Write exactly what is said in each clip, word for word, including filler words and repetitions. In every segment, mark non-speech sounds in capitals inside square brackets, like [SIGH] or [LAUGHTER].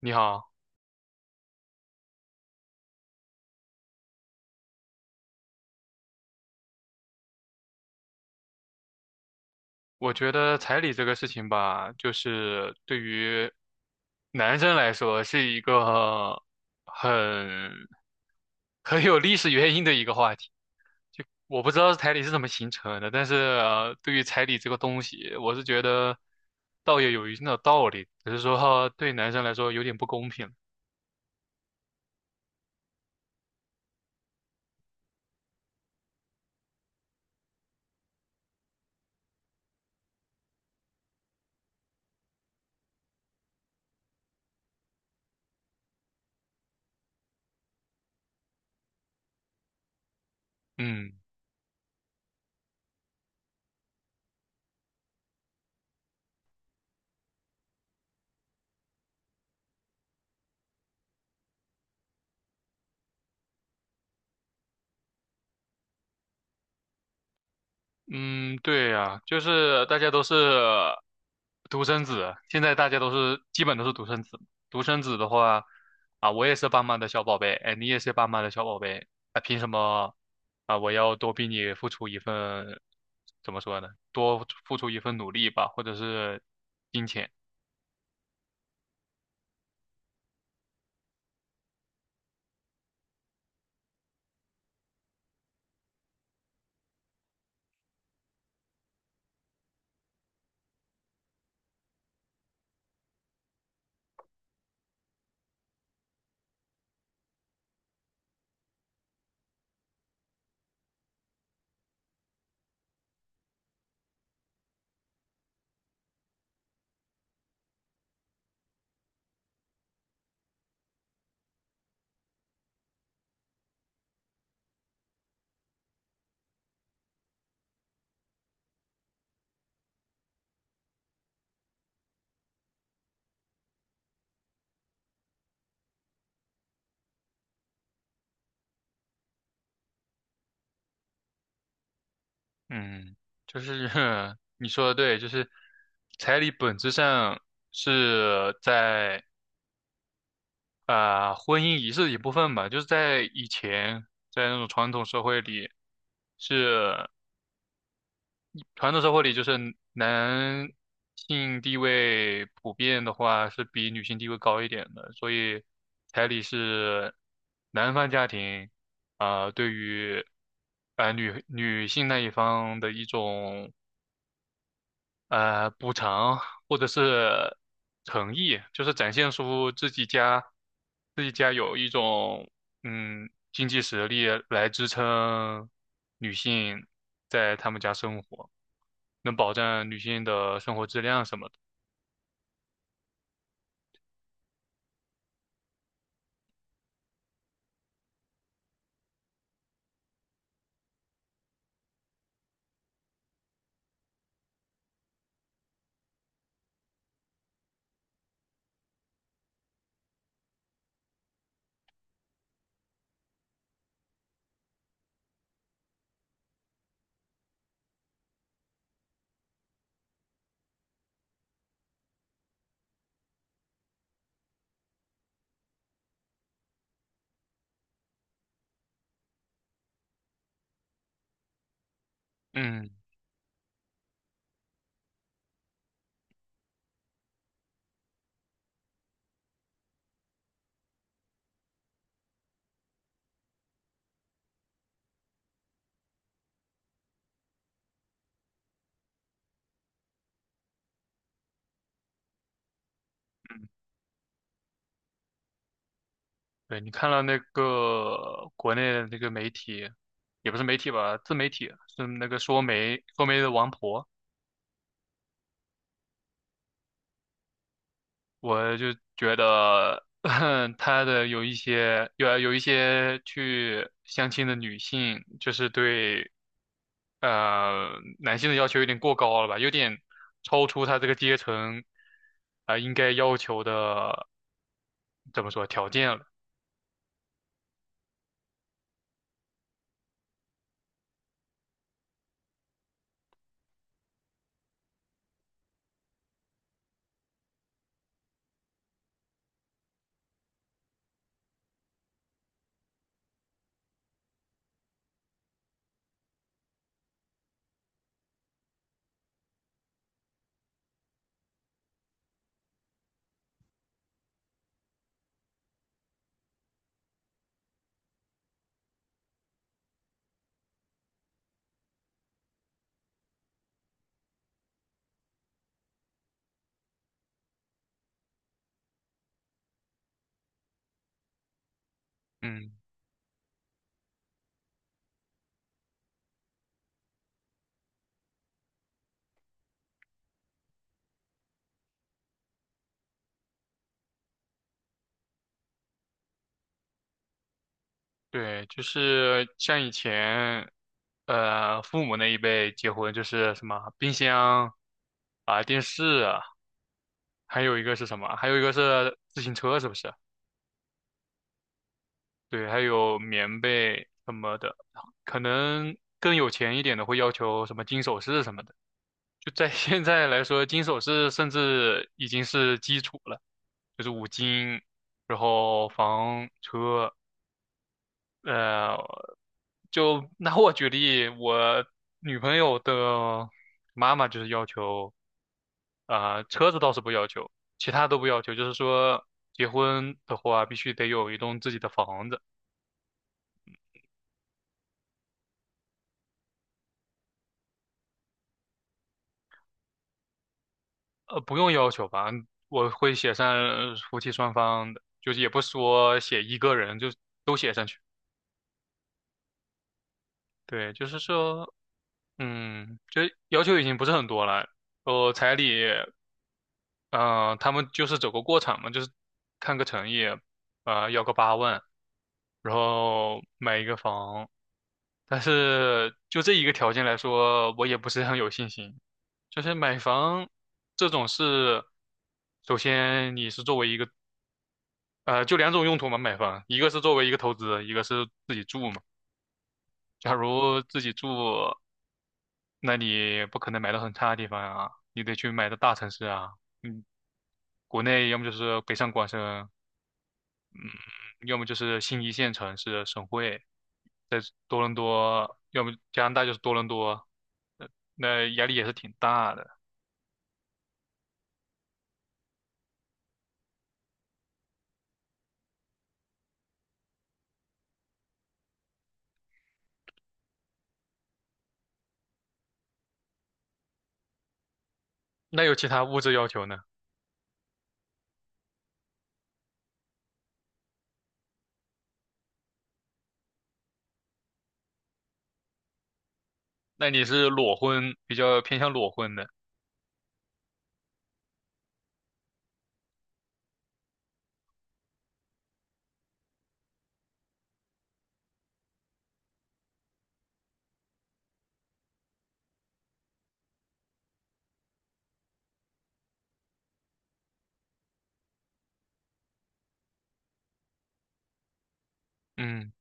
你好。我觉得彩礼这个事情吧，就是对于男生来说是一个很很有历史原因的一个话题。就我不知道彩礼是怎么形成的，但是，呃对于彩礼这个东西，我是觉得倒也有一定的道理，只是说对男生来说有点不公平。嗯。嗯，对呀，就是大家都是独生子，现在大家都是基本都是独生子。独生子的话，啊，我也是爸妈的小宝贝，哎，你也是爸妈的小宝贝，啊，凭什么啊？我要多比你付出一份，怎么说呢？多付出一份努力吧，或者是金钱。嗯，就是 [LAUGHS] 你说的对，就是彩礼本质上是在。啊，婚姻仪式的一部分吧，就是在以前，在那种传统社会里，是传统社会里，就是男性地位普遍的话是比女性地位高一点的，所以彩礼是男方家庭啊、呃对于啊女女性那一方的一种呃补偿或者是诚意，就是展现出自己家自己家有一种嗯经济实力来支撑女性在他们家生活，能保证女性的生活质量什么的。嗯，对，你看了那个国内的那个媒体，也不是媒体吧，自媒体是那个说媒说媒的王婆。我就觉得 [LAUGHS] 他的有一些有有一些去相亲的女性，就是对呃男性的要求有点过高了吧，有点超出他这个阶层啊、呃应该要求的怎么说条件了。嗯。对，就是像以前，呃，父母那一辈结婚就是什么冰箱啊、电视啊，还有一个是什么？还有一个是自行车，是不是？对，还有棉被什么的，可能更有钱一点的会要求什么金首饰什么的。就在 [LAUGHS] 现在来说，金首饰甚至已经是基础了，就是五金，然后房车。呃，就拿我举例，我女朋友的妈妈就是要求，呃，车子倒是不要求，其他都不要求，就是说结婚的话必须得有一栋自己的房子。呃，不用要求吧，我会写上呃夫妻双方的，就是也不说写一个人，就都写上去。对，就是说，嗯，就要求已经不是很多了，呃，彩礼。嗯、呃他们就是走个过场嘛，就是看个诚意，啊，要个八万，然后买一个房。但是就这一个条件来说，我也不是很有信心。就是买房这种事，首先你是作为一个呃，就两种用途嘛，买房，一个是作为一个投资，一个是自己住嘛。假如自己住，那你不可能买到很差的地方啊，你得去买到大城市啊。嗯，国内要么就是北上广深，要么就是新一线城市省会，在多伦多，要么加拿大就是多伦多，呃那压力也是挺大的。那有其他物质要求呢？那你是裸婚，比较偏向裸婚的，嗯，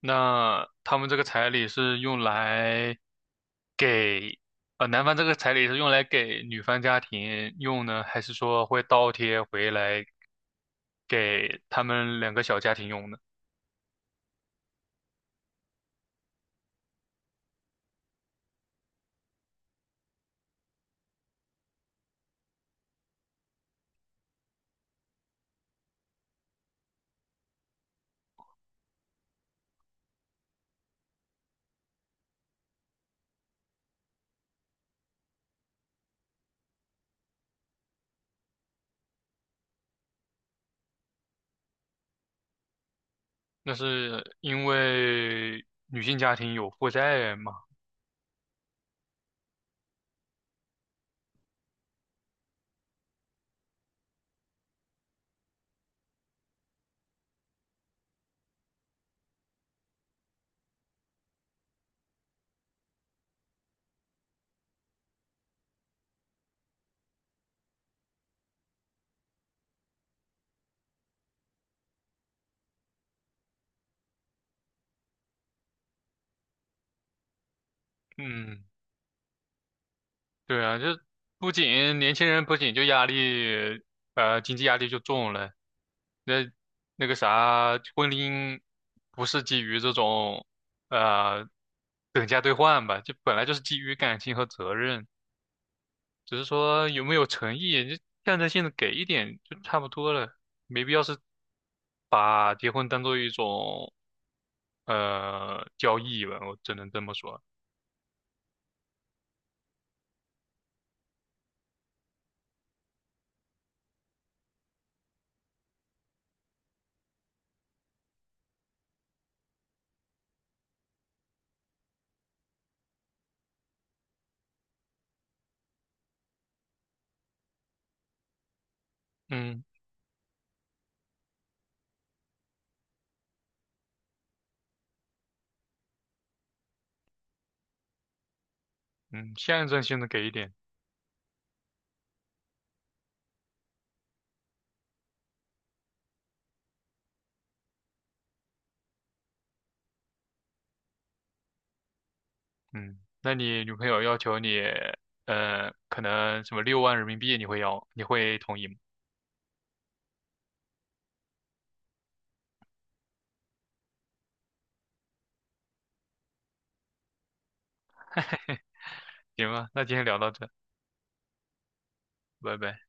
那他们这个彩礼是用来给，呃，男方这个彩礼是用来给女方家庭用呢，还是说会倒贴回来给他们两个小家庭用呢？那是因为女性家庭有负债嘛？嗯，对啊，就不仅年轻人不仅就压力，呃，经济压力就重了，那那个啥，婚姻不是基于这种，呃，等价兑换吧，就本来就是基于感情和责任，只是说有没有诚意，就象征性的给一点就差不多了，没必要是把结婚当做一种呃交易吧，我只能这么说，嗯嗯，象征性的给一点。嗯，那你女朋友要求你，呃，可能什么六万人民币，你会要，你会同意吗？行吧，那今天聊到这，拜拜。